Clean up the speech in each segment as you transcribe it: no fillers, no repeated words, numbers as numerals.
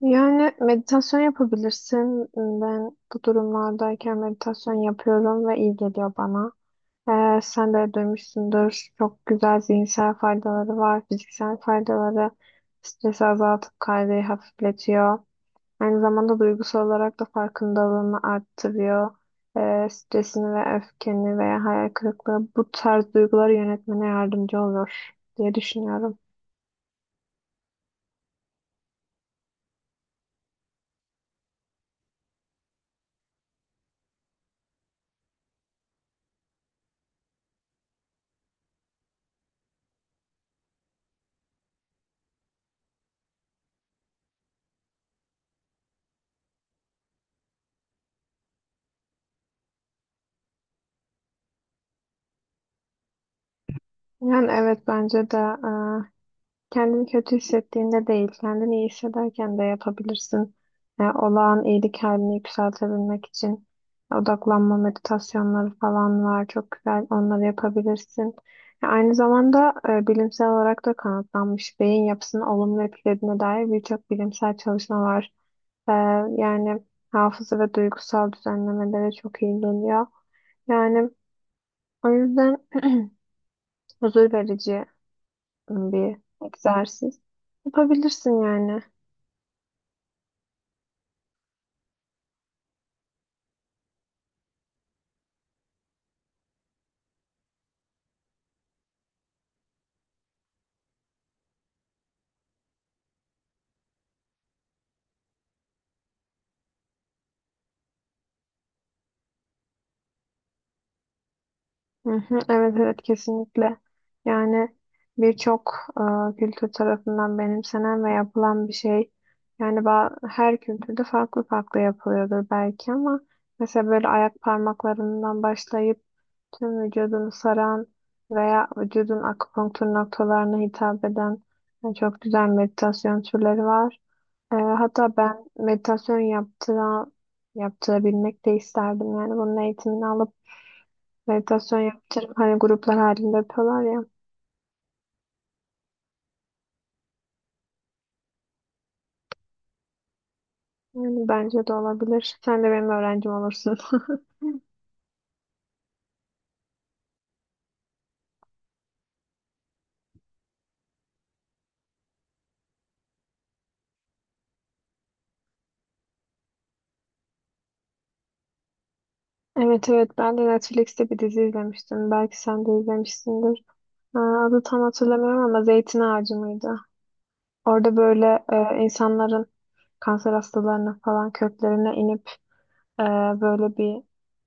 Yani meditasyon yapabilirsin. Ben bu durumlardayken meditasyon yapıyorum ve iyi geliyor bana. Sen de duymuşsundur. Çok güzel zihinsel faydaları var, fiziksel faydaları. Stresi azaltıp kaygıyı hafifletiyor. Aynı zamanda duygusal olarak da farkındalığını arttırıyor. Stresini ve öfkeni veya hayal kırıklığı bu tarz duyguları yönetmene yardımcı olur diye düşünüyorum. Yani evet bence de kendini kötü hissettiğinde değil, kendini iyi hissederken de yapabilirsin. Yani olağan iyilik halini yükseltebilmek için odaklanma meditasyonları falan var. Çok güzel onları yapabilirsin. Ya aynı zamanda bilimsel olarak da kanıtlanmış beyin yapısını olumlu etkilediğine dair birçok bilimsel çalışma var. E, yani hafıza ve duygusal düzenlemelere çok iyi geliyor. Yani o yüzden huzur verici bir egzersiz. Yapabilirsin yani. Hı hı. Evet, evet, kesinlikle. Yani birçok kültür tarafından benimsenen ve yapılan bir şey. Yani her kültürde farklı farklı yapılıyordur belki ama mesela böyle ayak parmaklarından başlayıp tüm vücudunu saran veya vücudun akupunktur noktalarına hitap eden yani çok güzel meditasyon türleri var. Hatta ben yaptırabilmek de isterdim. Yani bunun eğitimini alıp meditasyon yaptırıp hani gruplar halinde yapıyorlar ya. Yani bence de olabilir. Sen de benim öğrencim olursun. Evet, evet, ben de Netflix'te bir dizi izlemiştim. Belki sen de izlemişsindir. Adı tam hatırlamıyorum ama Zeytin Ağacı mıydı? Orada böyle insanların, kanser hastalarının falan köklerine inip e, böyle bir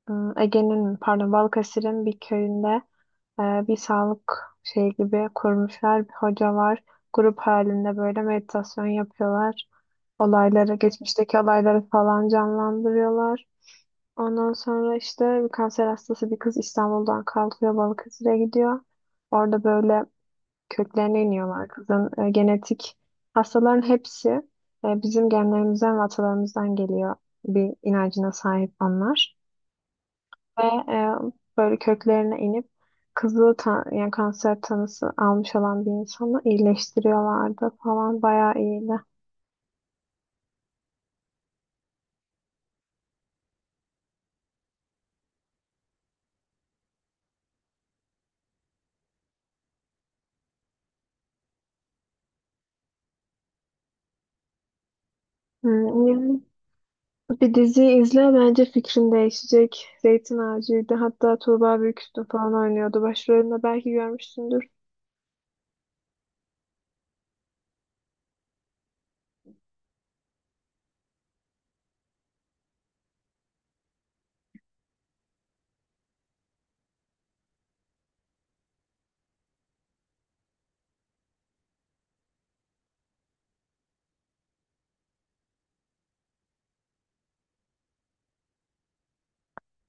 Ege'nin mi, pardon Balıkesir'in bir köyünde e, bir sağlık şey gibi kurmuşlar. Bir hoca var. Grup halinde böyle meditasyon yapıyorlar. Olayları, geçmişteki olayları falan canlandırıyorlar. Ondan sonra işte bir kanser hastası bir kız İstanbul'dan kalkıyor, Balıkesir'e gidiyor. Orada böyle köklerine iniyorlar kızın. Genetik hastaların hepsi bizim genlerimizden ve atalarımızdan geliyor bir inancına sahip onlar. Ve e, böyle köklerine inip yani kanser tanısı almış olan bir insanı iyileştiriyorlardı falan, bayağı iyiydi. Yani bir diziyi izle, bence fikrin değişecek. Zeytin Ağacı'ydı. Hatta Tuğba Büyüküstün falan oynuyordu başrolünde, belki görmüşsündür.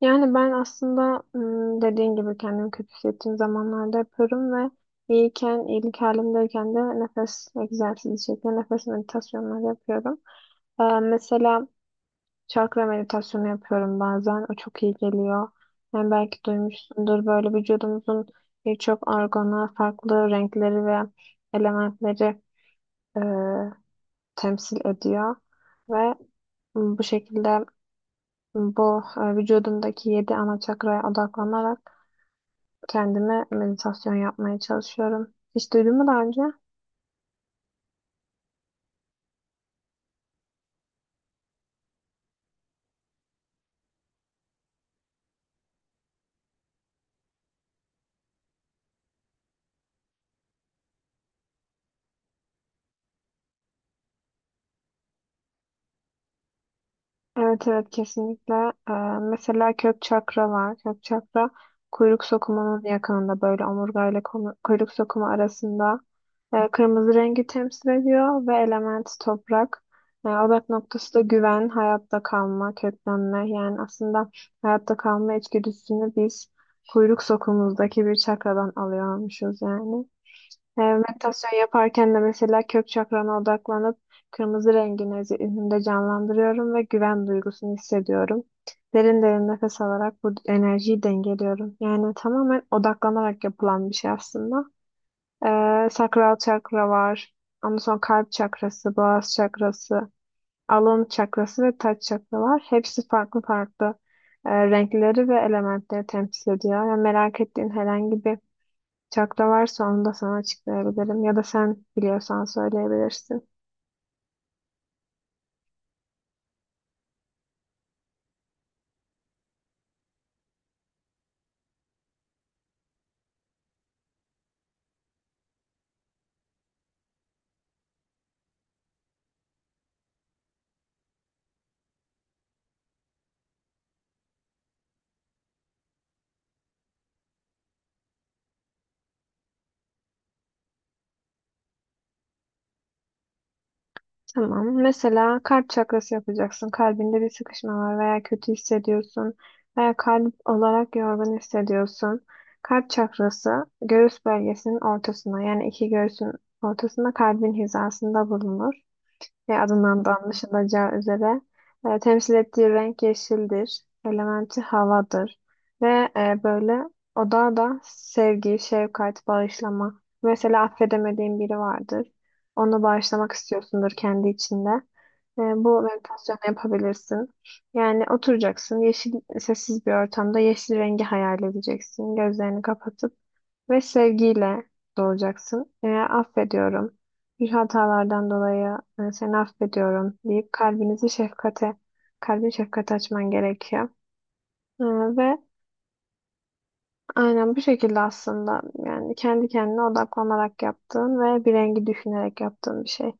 Yani ben aslında dediğin gibi kendimi kötü hissettiğim zamanlarda yaparım ve iyiyken, iyilik halimdeyken de nefes egzersizi şeklinde nefes meditasyonları yapıyorum. Mesela çakra meditasyonu yapıyorum bazen. O çok iyi geliyor. Yani belki duymuşsundur, böyle vücudumuzun birçok organa farklı renkleri ve elementleri temsil ediyor ve bu şekilde vücudumdaki yedi ana çakraya odaklanarak kendime meditasyon yapmaya çalışıyorum. Hiç duydun mu daha önce? Evet, evet, kesinlikle. Ee, Mesela kök çakra var. Kök çakra kuyruk sokumunun yakınında, böyle omurgayla kuyruk sokumu arasında. Kırmızı rengi temsil ediyor ve element toprak. Odak noktası da güven, hayatta kalma, köklenme. Yani aslında hayatta kalma içgüdüsünü biz kuyruk sokumuzdaki bir çakradan alıyormuşuz yani. Meditasyon yaparken de mesela kök çakrana odaklanıp kırmızı rengini zihnimde canlandırıyorum ve güven duygusunu hissediyorum. Derin derin nefes alarak bu enerjiyi dengeliyorum. Yani tamamen odaklanarak yapılan bir şey aslında. Sakral çakra var. Ondan sonra kalp çakrası, boğaz çakrası, alın çakrası ve taç çakra var. Hepsi farklı farklı renkleri ve elementleri temsil ediyor. Yani merak ettiğin herhangi bir çakra varsa onu da sana açıklayabilirim. Ya da sen biliyorsan söyleyebilirsin. Tamam. Mesela kalp çakrası yapacaksın. Kalbinde bir sıkışma var veya kötü hissediyorsun veya kalp olarak yorgun hissediyorsun. Kalp çakrası göğüs bölgesinin ortasına, yani iki göğsün ortasında kalbin hizasında bulunur ve adından da anlaşılacağı üzere temsil ettiği renk yeşildir. Elementi havadır ve böyle oda da sevgi, şefkat, bağışlama. Mesela affedemediğin biri vardır. Onu bağışlamak istiyorsundur kendi içinde. Bu meditasyonu yapabilirsin. Yani oturacaksın, yeşil, sessiz bir ortamda yeşil rengi hayal edeceksin. Gözlerini kapatıp ve sevgiyle doğacaksın. Affediyorum, bir hatalardan dolayı seni affediyorum deyip kalbin şefkate açman gerekiyor. E, ve aynen bu şekilde aslında, yani kendi kendine odaklanarak yaptığın ve bir rengi düşünerek yaptığın bir şey.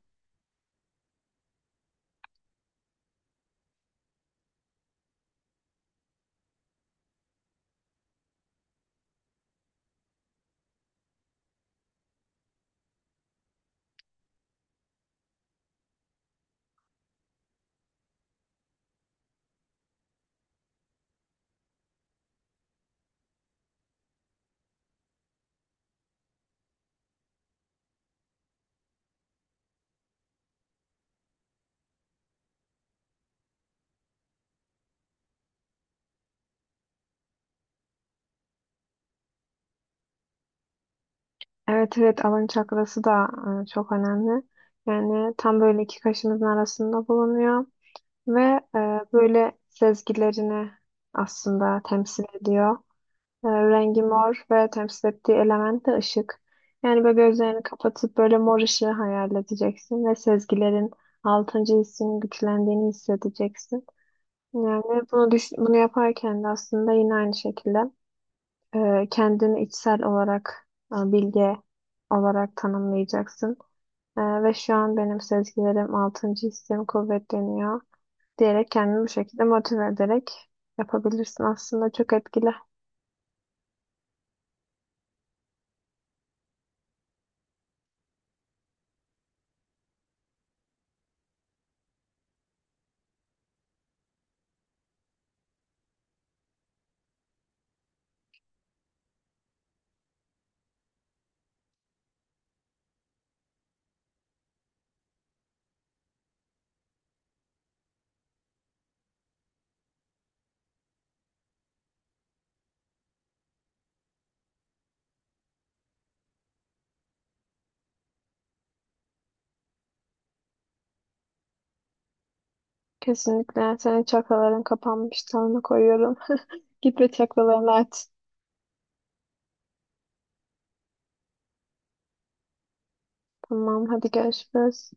Evet, evet, alın çakrası da çok önemli. Yani tam böyle iki kaşımızın arasında bulunuyor ve e, böyle sezgilerini aslında temsil ediyor. Rengi mor ve temsil ettiği element de ışık. Yani böyle gözlerini kapatıp böyle mor ışığı hayal edeceksin ve sezgilerin, altıncı hissinin güçlendiğini hissedeceksin. Yani bunu yaparken de aslında yine aynı şekilde kendini içsel olarak bilge olarak tanımlayacaksın. Ve şu an benim sezgilerim, altıncı hissim kuvvetleniyor diyerek kendini bu şekilde motive ederek yapabilirsin. Aslında çok etkili. Kesinlikle. Senin çakraların kapanmış. Tanrı koyuyorum. Git ve çakralarını aç. Tamam, hadi görüşürüz.